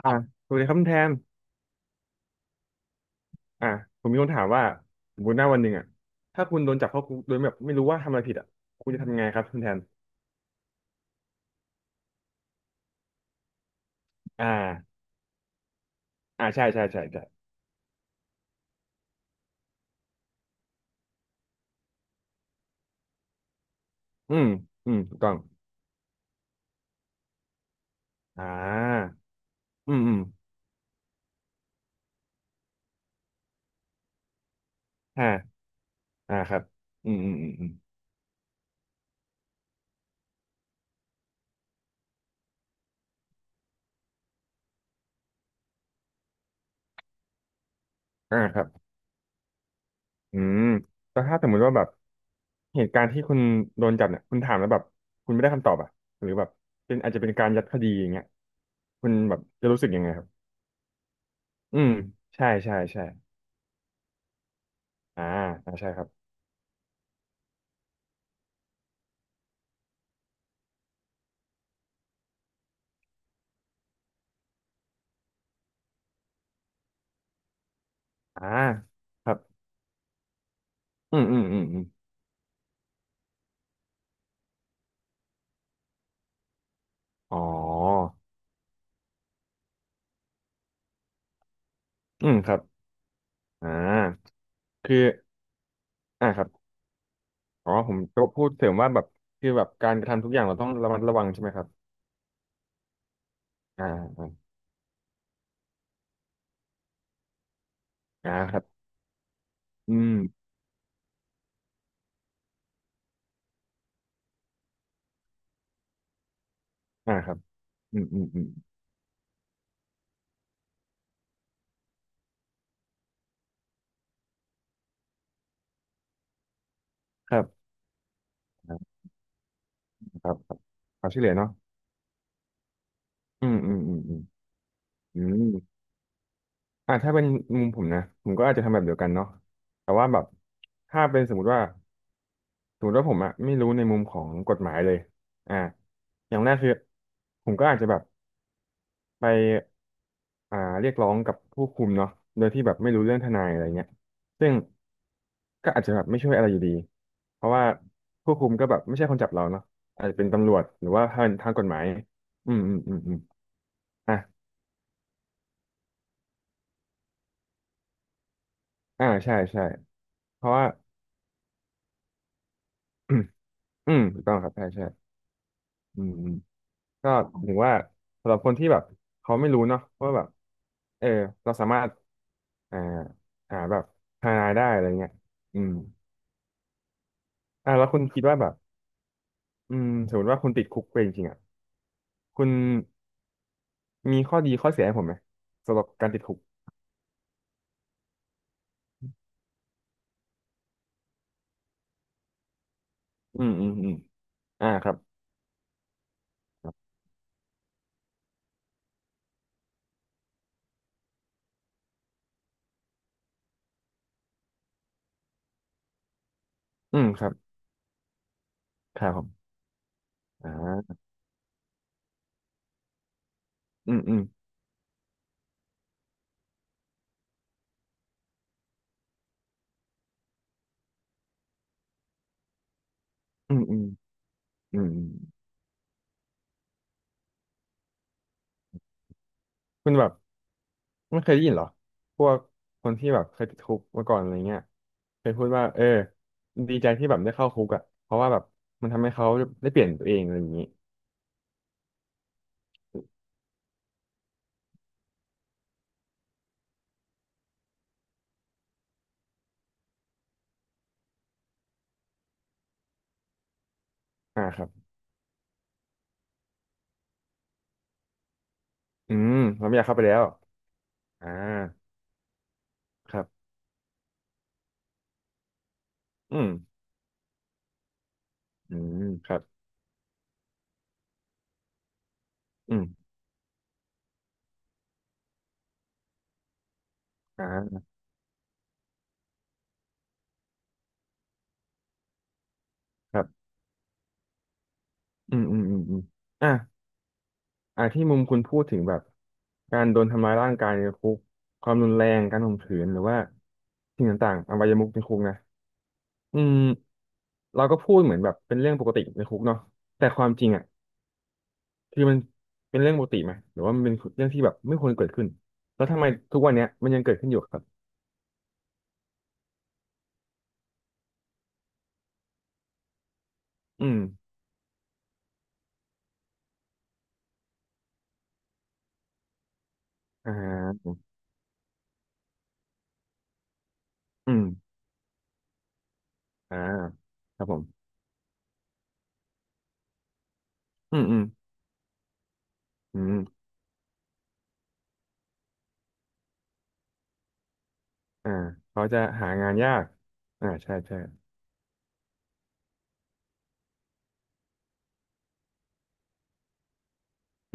อ่าสวัสดีครับคุณแทนอ่าผมมีคนถามว่าสมมติหน้าวันหนึ่งอ่ะถ้าคุณโดนจับเข้าคุกโดยแบบไม่รู้ว่าทำอะไรผิดอ่ะคุณจะทำยังไงครับคุณแทนอ่าอ่าใช่ใช่ใช่ใช่อืมอืมถูกต้องอ่าอืมอืมอ่าอ่าครับอืมอืมอืมอืมอ่าครับอืมแต่ถ้าสมมติว่าแบบเหตุการณ์ที่คุณโดนจับเนี่ยคุณถามแล้วแบบคุณไม่ได้คำตอบอ่ะหรือแบบเป็นอาจจะเป็นการยัดคดีอย่างเงี้ยคุณแบบจะรู้สึกยังไงครับอืมใช่ใช่ใช่อ่าอ่าใช่ครับ อ่าครับอืมอืมอืมอืมอ๋ออืมครับอ่าคืออ่าครับอ๋อผมจะพูดเสริมว่าแบบคือแบบการกระทำทุกอย่างเราต้องระมัดระวังใช่ไหมครับอ่าอ่าอ่าครับอืมอ่าครับอืมอืมอืมครับอ่าครับครับความช่วยเหลือเนาะอืมอืมอืมอืมอืมอ่าถ้าเป็นมุมผมนะผมก็อาจจะทำแบบเดียวกันเนาะแต่ว่าแบบถ้าเป็นสมมติว่าสมมติว่าผมอะไม่รู้ในมุมของกฎหมายเลยอ่าอย่างแรกคือผมก็อาจจะแบบ ไปอ่าเรียกร้องกับผู้คุมเนาะโดยที่แบบไม่รู้เรื่องทนายอะไรเงี้ยซึ่งก็อาจจะแบบไม่ช่วยอะไรอยู่ดีเพราะว่าผู้คุมก็แบบไม่ใช่คนจับเราเนาะอาจจะเป็นตำรวจหรือว่าทางทางกฎหมายอืมอืมอืมอืมอ่ะอ่าใช่ใช่เพราะว่า อืมถูกต้องครับใช่ใช่อืมอืมก็ถึงว่าสำหรับคนที่แบบเขาไม่รู้เนาะว่าแบบเออเราสามารถอ่าหาแบบทนายได้อะไรเงี้ยอืมอ่าแล้วคุณคิดว่าแบบ อืมสมมติว่าคุณติดคุกไปจริงๆอ่ะคุณมีข้อดีข้อเสียให้ผมไหมสำหรับการติดคุกอืมอืมอืมอ่าครับครับอืมครับครับผมอ่าอืมอืมอืมอืมอืมอืมคุณแบบไม่เคยได้ยินเหรอพวกคนที่แบบเคยติดคุกมาก่อนอะไรเงี้ยเคยพูดว่าเออดีใจที่แบบได้เข้าคุกอ่ะเพราะว่าแบบมันทำให้เขาได้เปลี่ยนตัวเองอะไรอย่างนี้อ่าครับอืมเราไม่อยากเข้าไปแล้วอ่าครับอืมอืมครับอืมอ่าครับ อืมอืมอืมอืมอ่ะอ่ะที่มุมคุณพูดถึงแบบการโดนทำร้ายร่างกายในคุกความรุนแรงการข่มขืนหรือว่าสิ่งต่างๆอวัยมุขในคุกนะอืมเราก็พูดเหมือนแบบเป็นเรื่องปกติในคุกเนาะแต่ความจริงอ่ะคือมันเป็นเรื่องปกติไหมหรือว่ามันเป็นเรื่องที่แบบไม่ควรเกิดขึ้นแล้วทำไมทุกวันเนี้ยมันยังเกิดขึ้นอยู่ครับอืมอ่าอืมอ่าครับผมอืมอืมอืมอ่าเขาจะหางานยากอ่าใช่ใช่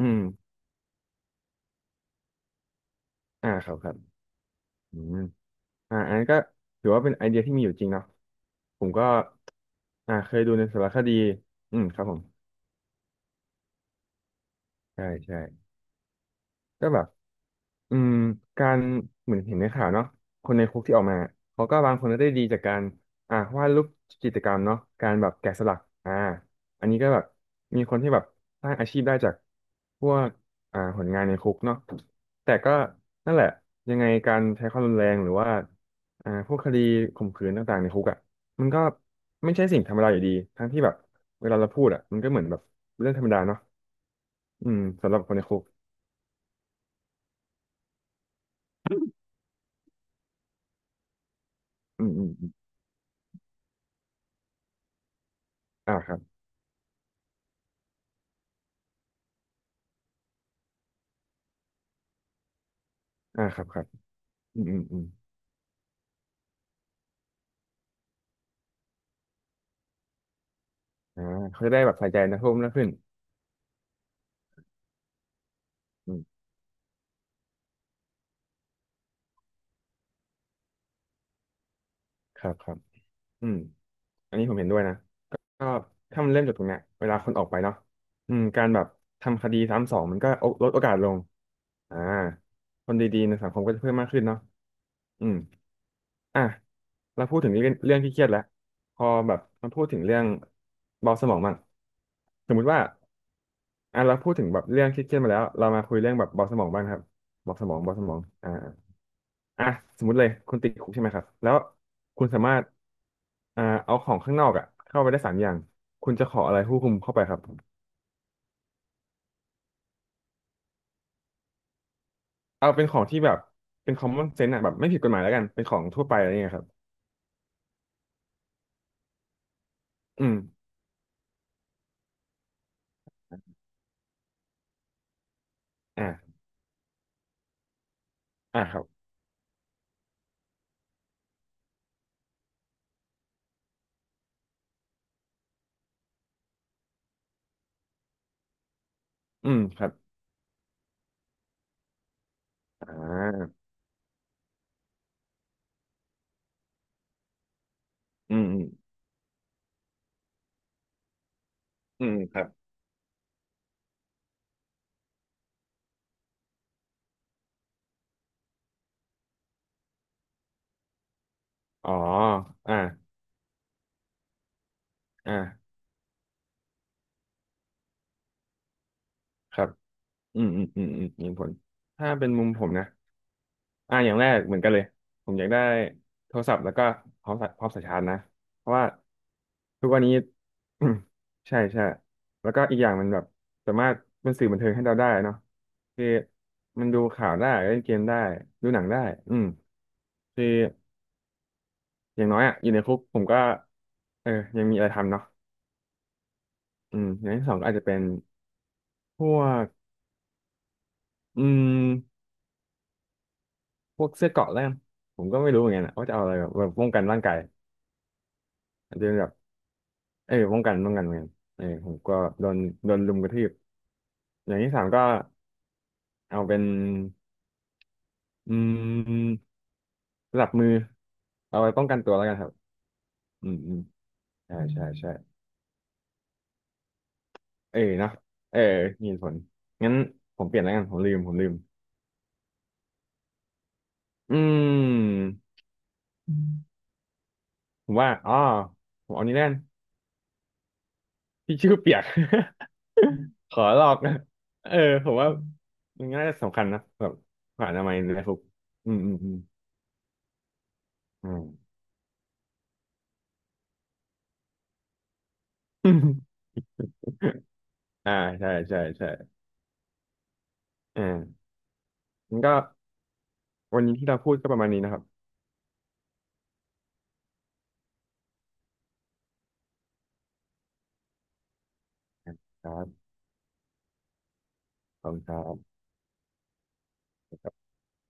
อืมอ่าครับครับอืม อ่าอันนั้นก็ถือว่าเป็นไอเดียที่มีอยู่จริงเนาะผมก็อ่าเคยดูในสารคดีอืมครับผมใช่ใช่ก็แบบ อืมการเหมือนเห็นในข่าวเนาะคนในคุกที่ออกมาเขาก็บางคนก็ได้ดีจากการอ่าวาดรูปจิตรกรรมเนาะการแบบแกะสลักอ่าอันนี้ก็แบบมีคนที่แบบสร้างอาชีพได้จากพวกอ่าผลงานในคุกเนาะแต่ก็นั่นแหละยังไงการใช้ความรุนแรงหรือว่าอ่าพวกคดีข่มขืนต่างๆในคุกอ่ะมันก็ไม่ใช่สิ่งธรรมดาอยู่ดีทั้งที่แบบเวลาเราพูดอ่ะมันก็เหมือนแบบเรื่องธรรมดาเนาะอืมสำหรับคนในคุกอืมอืมอมอ่าครับอ่าครับครับ อืมอืมอืมอ่าเขาจะได้แบบใส่ใจนักโ่ษมากขึ้นอืมครับครับอืมอันนี้ผมเห็นด้วยนะก็ถ้ามันเริ่มจากตรงเนี้ยเวลาคนออกไปเนาะอืมการแบบทำคดีซ้ำสองมันก็ลดโอกาสลงอ่าคนดีๆในสังคมก็จะเพิ่มมากขึ้นเนาะอืมอ่ะเราพูดถึงเรื่องที่เครียดแล้วพอแบบมาพูดถึงเรื่องเบาสมองบ้างสมมุติว่าอ่ะเราพูดถึงแบบเรื่องเครียดๆมาแล้วเรามาคุยเรื่องแบบเบาสมองบ้างครับเบาสมองเบาสมองอ่า อ่ะสมมติเลยคุณติดคุกใช่ไหมครับแล้วคุณสามารถอ่าเอาของข้างนอกอ่ะเข้าไปได้สามอย่างคุณจะขออะไรผู้คุมเข้าไปครับเอาเป็นของที่แบบเป็น common sense อ่ะแบบไม่ผิดกฎหมายแล้วกันเป็นของทั่วไปอะไรเงี้ยครับอืมอ่าอ่าครับอืมครับอ่าอืมอืมอืมครับอ๋ออ่าอ่าครับอืมอืมอืมอืมมีผลถ้าเป็นมุมผมนะ อ่าอย่างแรกเหมือนกันเลยผมอยากได้โทรศัพท์แล้วก็พร้อมสายชาร์จนะเพราะว่าทุกวันนี้ ใช่ใช่แล้วก็อีกอย่างมันแบบสามารถเป็นสื่อบันเทิงให้เราได้เนาะคือมันดูข่าวได้เล่นเกมได้ดูหนังได้อืมคืออย่างน้อยอ่ะอยู่ในคุกผมก็เออยังมีอะไรทำเนาะอืมอย่างที่สองก็อาจจะเป็นพวกอืมพวกเสื้อเกราะแล้วกันผมก็ไม่รู้เหมือนกันอะว่าจะเอาอะไรแบบป้องกันร่างกายอาจจะเป็นแบบ เออป้องกันเหมือนกันเออผมก็โดนโดนลุมกระทืบอย่างที่สามก็เอาเป็นอืมสะับมือเอาไว้ป้องกันตัวแล้วกันครับอืมอืมใช่อใช่ใช่เออเนาะเออมีเหตุผลงั้นผมเปลี่ยนแล้วกันผมลืมอืมอืมผมว่าอ๋อผมเอานี้แล้วกันที่ชื่อเปียก ขอลอกนะเออผมว่ามันน่าจะสำคัญนะแบบผ่านทำไมยในคุกอืมอืมอืมอืม อ่าใช่ใช่ใช่ อ่างั้นก็วันนี้ที่เราพูดก็ประมาณนี้นะครับครับขอบคุณครับ